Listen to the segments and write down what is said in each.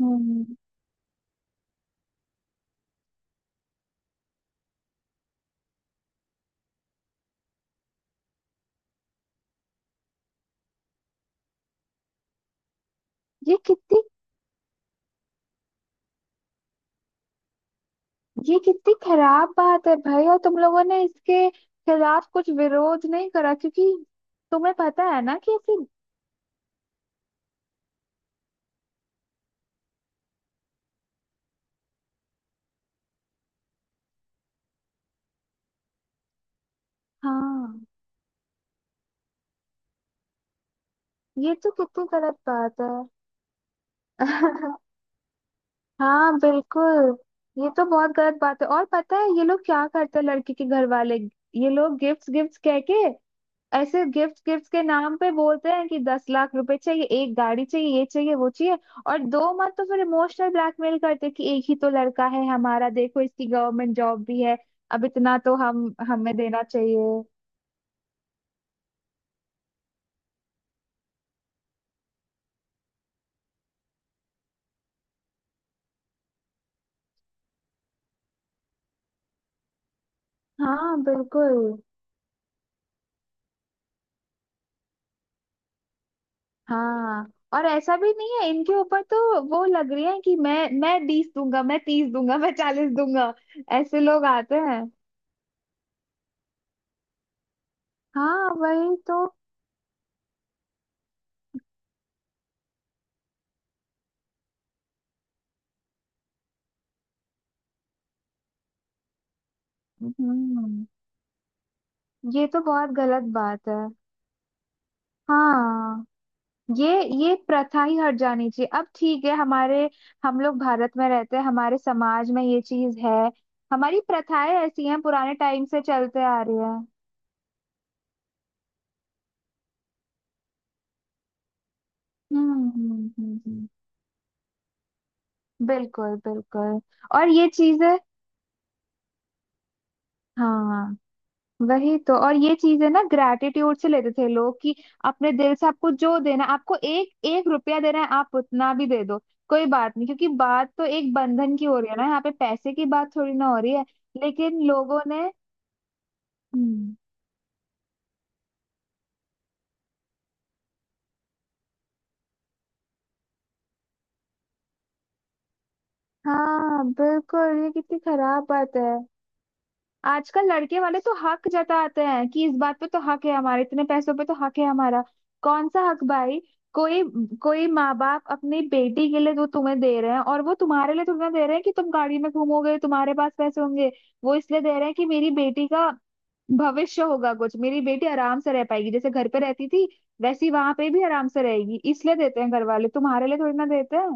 हम्म ये कितनी ये कितनी खराब बात है भाई। और तुम लोगों ने इसके खिलाफ कुछ विरोध नहीं करा, क्योंकि तुम्हें पता है ना कि ऐसे। हाँ, ये तो कितनी गलत बात है। हाँ बिल्कुल। ये तो बहुत गलत बात है। और पता है ये लोग क्या करते हैं लड़की के घर वाले, ये लोग गिफ्ट्स गिफ्ट्स कह के, ऐसे गिफ्ट गिफ्ट के नाम पे बोलते हैं कि 10 लाख रुपए चाहिए, एक गाड़ी चाहिए, ये चाहिए, वो चाहिए। और दो मत तो फिर इमोशनल ब्लैकमेल करते हैं कि एक ही तो लड़का है हमारा, देखो इसकी गवर्नमेंट जॉब भी है, अब इतना तो हम हमें देना चाहिए। हाँ बिल्कुल। हाँ, और ऐसा भी नहीं है। इनके ऊपर तो वो लग रही है कि मैं 20 दूंगा, मैं 30 दूंगा, मैं 40 दूंगा। ऐसे लोग आते हैं। हाँ वही तो। हम्म। ये तो बहुत गलत बात है। हाँ, ये प्रथा ही हट जानी चाहिए। अब ठीक है, हमारे हम लोग भारत में रहते हैं, हमारे समाज में ये चीज है। हमारी प्रथाएं ऐसी हैं, पुराने टाइम से चलते आ रही है। हम्म। बिल्कुल बिल्कुल। और ये चीजें। हाँ वही तो। और ये चीजें ना ग्रैटिट्यूड से लेते थे लोग कि अपने दिल से आपको जो देना है, आपको एक एक रुपया देना है, आप उतना भी दे दो, कोई बात नहीं। क्योंकि बात तो एक बंधन की हो रही है ना, यहाँ पे पैसे की बात थोड़ी ना हो रही है। लेकिन लोगों ने। हम्म। हाँ बिल्कुल, ये कितनी खराब बात है। आजकल लड़के वाले तो हक जताते हैं कि इस बात पे तो हक है, हमारे इतने पैसों पे तो हक है हमारा। कौन सा हक भाई? कोई कोई माँ बाप अपनी बेटी के लिए जो तुम्हें दे रहे हैं, और वो तुम्हारे लिए तुम्हें दे रहे हैं कि तुम गाड़ी में घूमोगे, तुम्हारे पास पैसे होंगे। वो इसलिए दे रहे हैं कि मेरी बेटी का भविष्य होगा कुछ, मेरी बेटी आराम से रह पाएगी, जैसे घर पे रहती थी वैसी वहां पे भी आराम से रहेगी, इसलिए देते हैं। घर वाले तुम्हारे लिए थोड़ी ना देते हैं।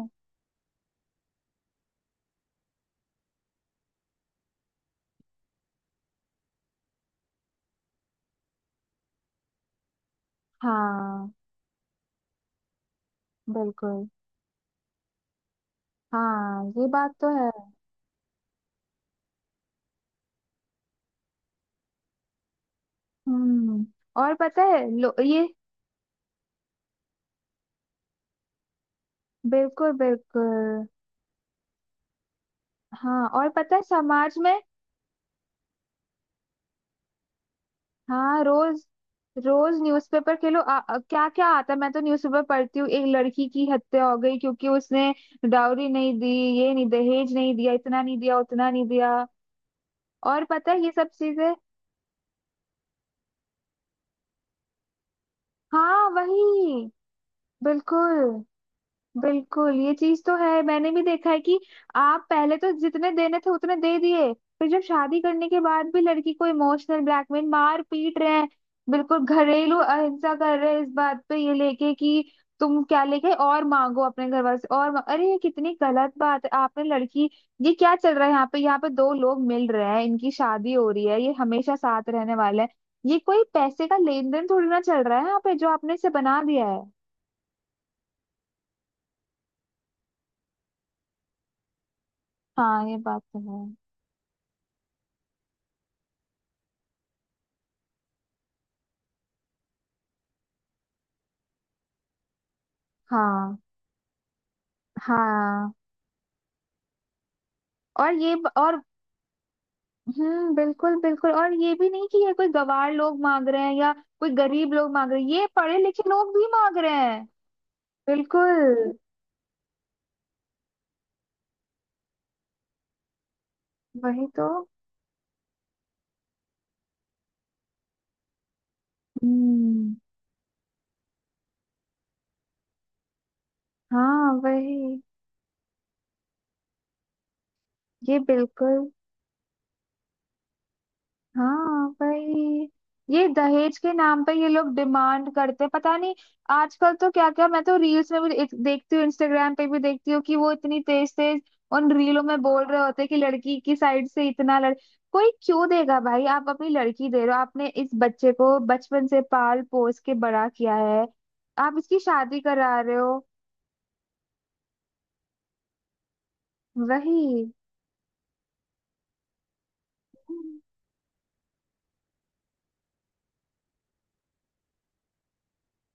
हाँ बिल्कुल। हाँ ये बात तो है। हम्म। और पता है लो, ये। बिल्कुल बिल्कुल। हाँ, और पता है समाज में। हाँ, रोज रोज न्यूज़पेपर के लो क्या क्या आता है, मैं तो न्यूज़पेपर पढ़ती हूँ, एक लड़की की हत्या हो गई क्योंकि उसने डाउरी नहीं दी। ये नहीं दहेज नहीं दिया, इतना नहीं दिया, उतना नहीं दिया। और पता है ये सब चीजें। हाँ वही। बिल्कुल बिल्कुल, ये चीज तो है। मैंने भी देखा है कि आप पहले तो जितने देने थे उतने दे दिए, फिर जब शादी करने के बाद भी लड़की को इमोशनल ब्लैकमेल, मार पीट रहे हैं। बिल्कुल घरेलू अहिंसा कर रहे हैं, इस बात पे ये लेके कि तुम क्या लेके आए? और मांगो अपने घर वाले से, अरे ये कितनी गलत बात है। आपने लड़की। ये क्या चल रहा है यहाँ पे दो लोग मिल रहे हैं, इनकी शादी हो रही है, ये हमेशा साथ रहने वाले हैं, ये कोई पैसे का लेन देन थोड़ी ना चल रहा है यहाँ पे, जो आपने इसे बना दिया है। हाँ ये बात तो है। हाँ हाँ। और। बिल्कुल बिल्कुल। और ये भी नहीं कि ये कोई गवार लोग मांग रहे हैं, या कोई गरीब लोग मांग रहे हैं, ये पढ़े लिखे लोग भी मांग रहे हैं। बिल्कुल वही तो। हम्म। हाँ वही। ये बिल्कुल। हाँ भाई, ये दहेज के नाम पे ये लोग डिमांड करते हैं, पता नहीं आजकल तो क्या क्या। मैं तो रील्स में भी देखती हूँ, इंस्टाग्राम पे भी देखती हूँ कि वो इतनी तेज तेज उन रीलों में बोल रहे होते हैं कि लड़की की साइड से इतना लड़। कोई क्यों देगा भाई? आप अपनी लड़की दे रहे हो, आपने इस बच्चे को बचपन से पाल पोस के बड़ा किया है, आप इसकी शादी करा रहे हो। वही।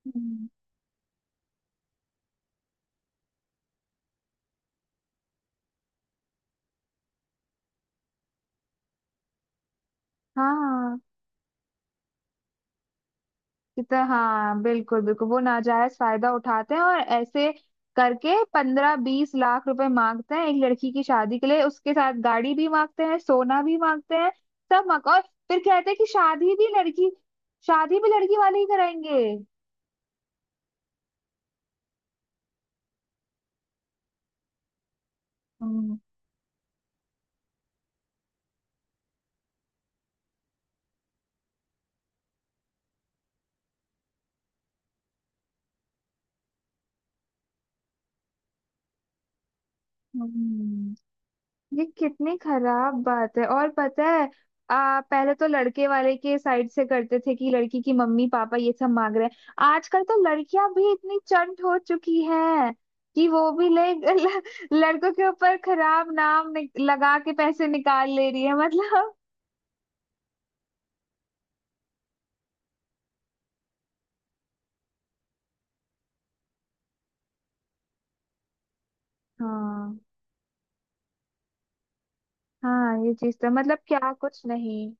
हम्म। हाँ। कितना हाँ बिल्कुल बिल्कुल, वो नाजायज फायदा उठाते हैं, और ऐसे करके 15-20 लाख रुपए मांगते हैं एक लड़की की शादी के लिए, उसके साथ गाड़ी भी मांगते हैं, सोना भी मांगते हैं, सब मांग। और फिर कहते हैं कि शादी भी लड़की वाले ही कराएंगे। हम्म, हम्म। ये कितनी खराब बात है। और पता है, पहले तो लड़के वाले के साइड से करते थे कि लड़की की मम्मी पापा ये सब मांग रहे हैं। आजकल तो लड़कियां भी इतनी चंट हो चुकी हैं कि वो भी लड़कों के ऊपर खराब नाम लगा के पैसे निकाल ले रही है, मतलब। हाँ हाँ। ये चीज तो, मतलब क्या कुछ नहीं।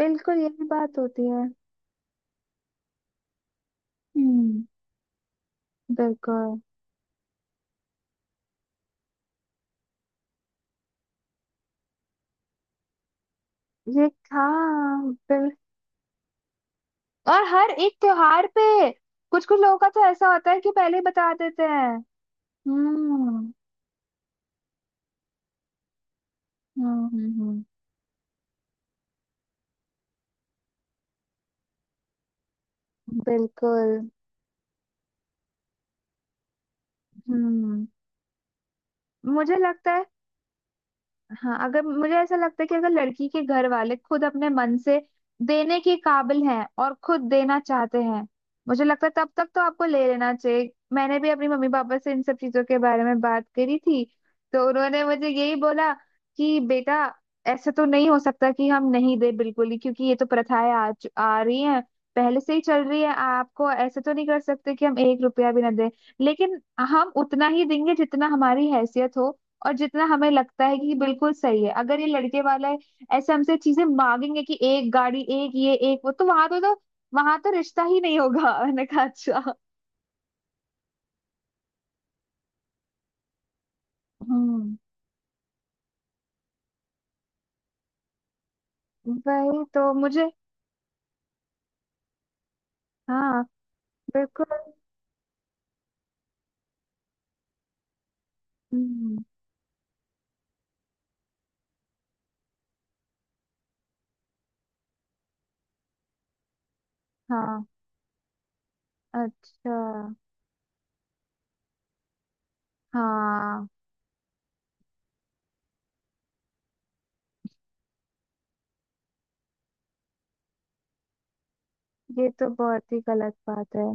बिल्कुल यही बात होती है। हम्म। बिल्कुल। ये हाँ बिल्कुल। और हर एक त्योहार पे कुछ कुछ लोगों का तो ऐसा होता है कि पहले ही बता देते हैं। हम्म हम्म। बिल्कुल। हम्म। मुझे लगता है। हाँ, अगर मुझे ऐसा लगता है कि अगर लड़की के घर वाले खुद अपने मन से देने के काबिल हैं, और खुद देना चाहते हैं, मुझे लगता है तब तक तो आपको ले लेना चाहिए। मैंने भी अपनी मम्मी पापा से इन सब चीजों के बारे में बात करी थी, तो उन्होंने मुझे यही बोला कि बेटा ऐसा तो नहीं हो सकता कि हम नहीं दे बिल्कुल ही, क्योंकि ये तो प्रथाएं आ रही हैं, पहले से ही चल रही है। आपको ऐसे तो नहीं कर सकते कि हम एक रुपया भी ना दें, लेकिन हम उतना ही देंगे जितना हमारी हैसियत हो, और जितना हमें लगता है कि बिल्कुल सही है। अगर ये लड़के वाला है ऐसे हमसे चीजें मांगेंगे कि एक गाड़ी, एक ये, एक वो, तो वहां तो रिश्ता ही नहीं होगा। मैंने कहा अच्छा। हम्म। वही तो मुझे। हाँ बिल्कुल। हम्म। हाँ अच्छा। हाँ ये तो बहुत ही गलत बात है।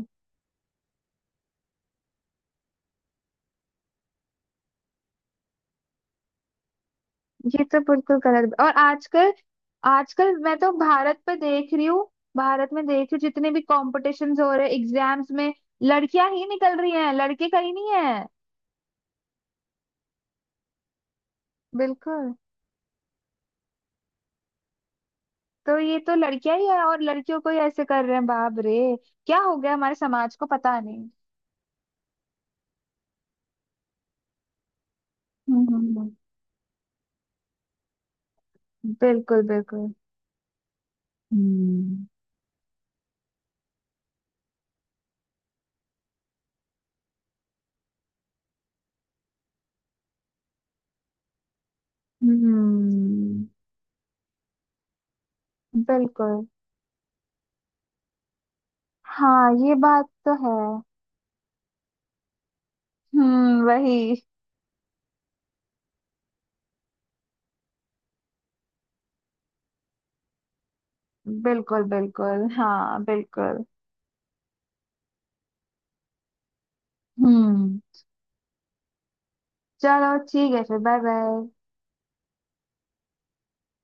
ये तो बिल्कुल गलत। और आजकल आजकल मैं तो भारत पे देख रही हूँ, भारत में देख रही हूँ जितने भी कॉम्पिटिशन्स हो रहे एग्जाम्स में, लड़कियां ही निकल रही हैं, लड़के कहीं नहीं है। बिल्कुल। तो ये तो लड़कियां ही है, और लड़कियों को ही ऐसे कर रहे हैं, बाप रे। क्या हो गया हमारे समाज को, पता नहीं। हम्म हम्म, हम्म। बिल्कुल बिल्कुल। हम्म हम्म। बिल्कुल। हाँ ये बात तो है। वही। बिल्कुल बिल्कुल। हाँ बिल्कुल। हम्म। चलो ठीक है फिर, बाय बाय।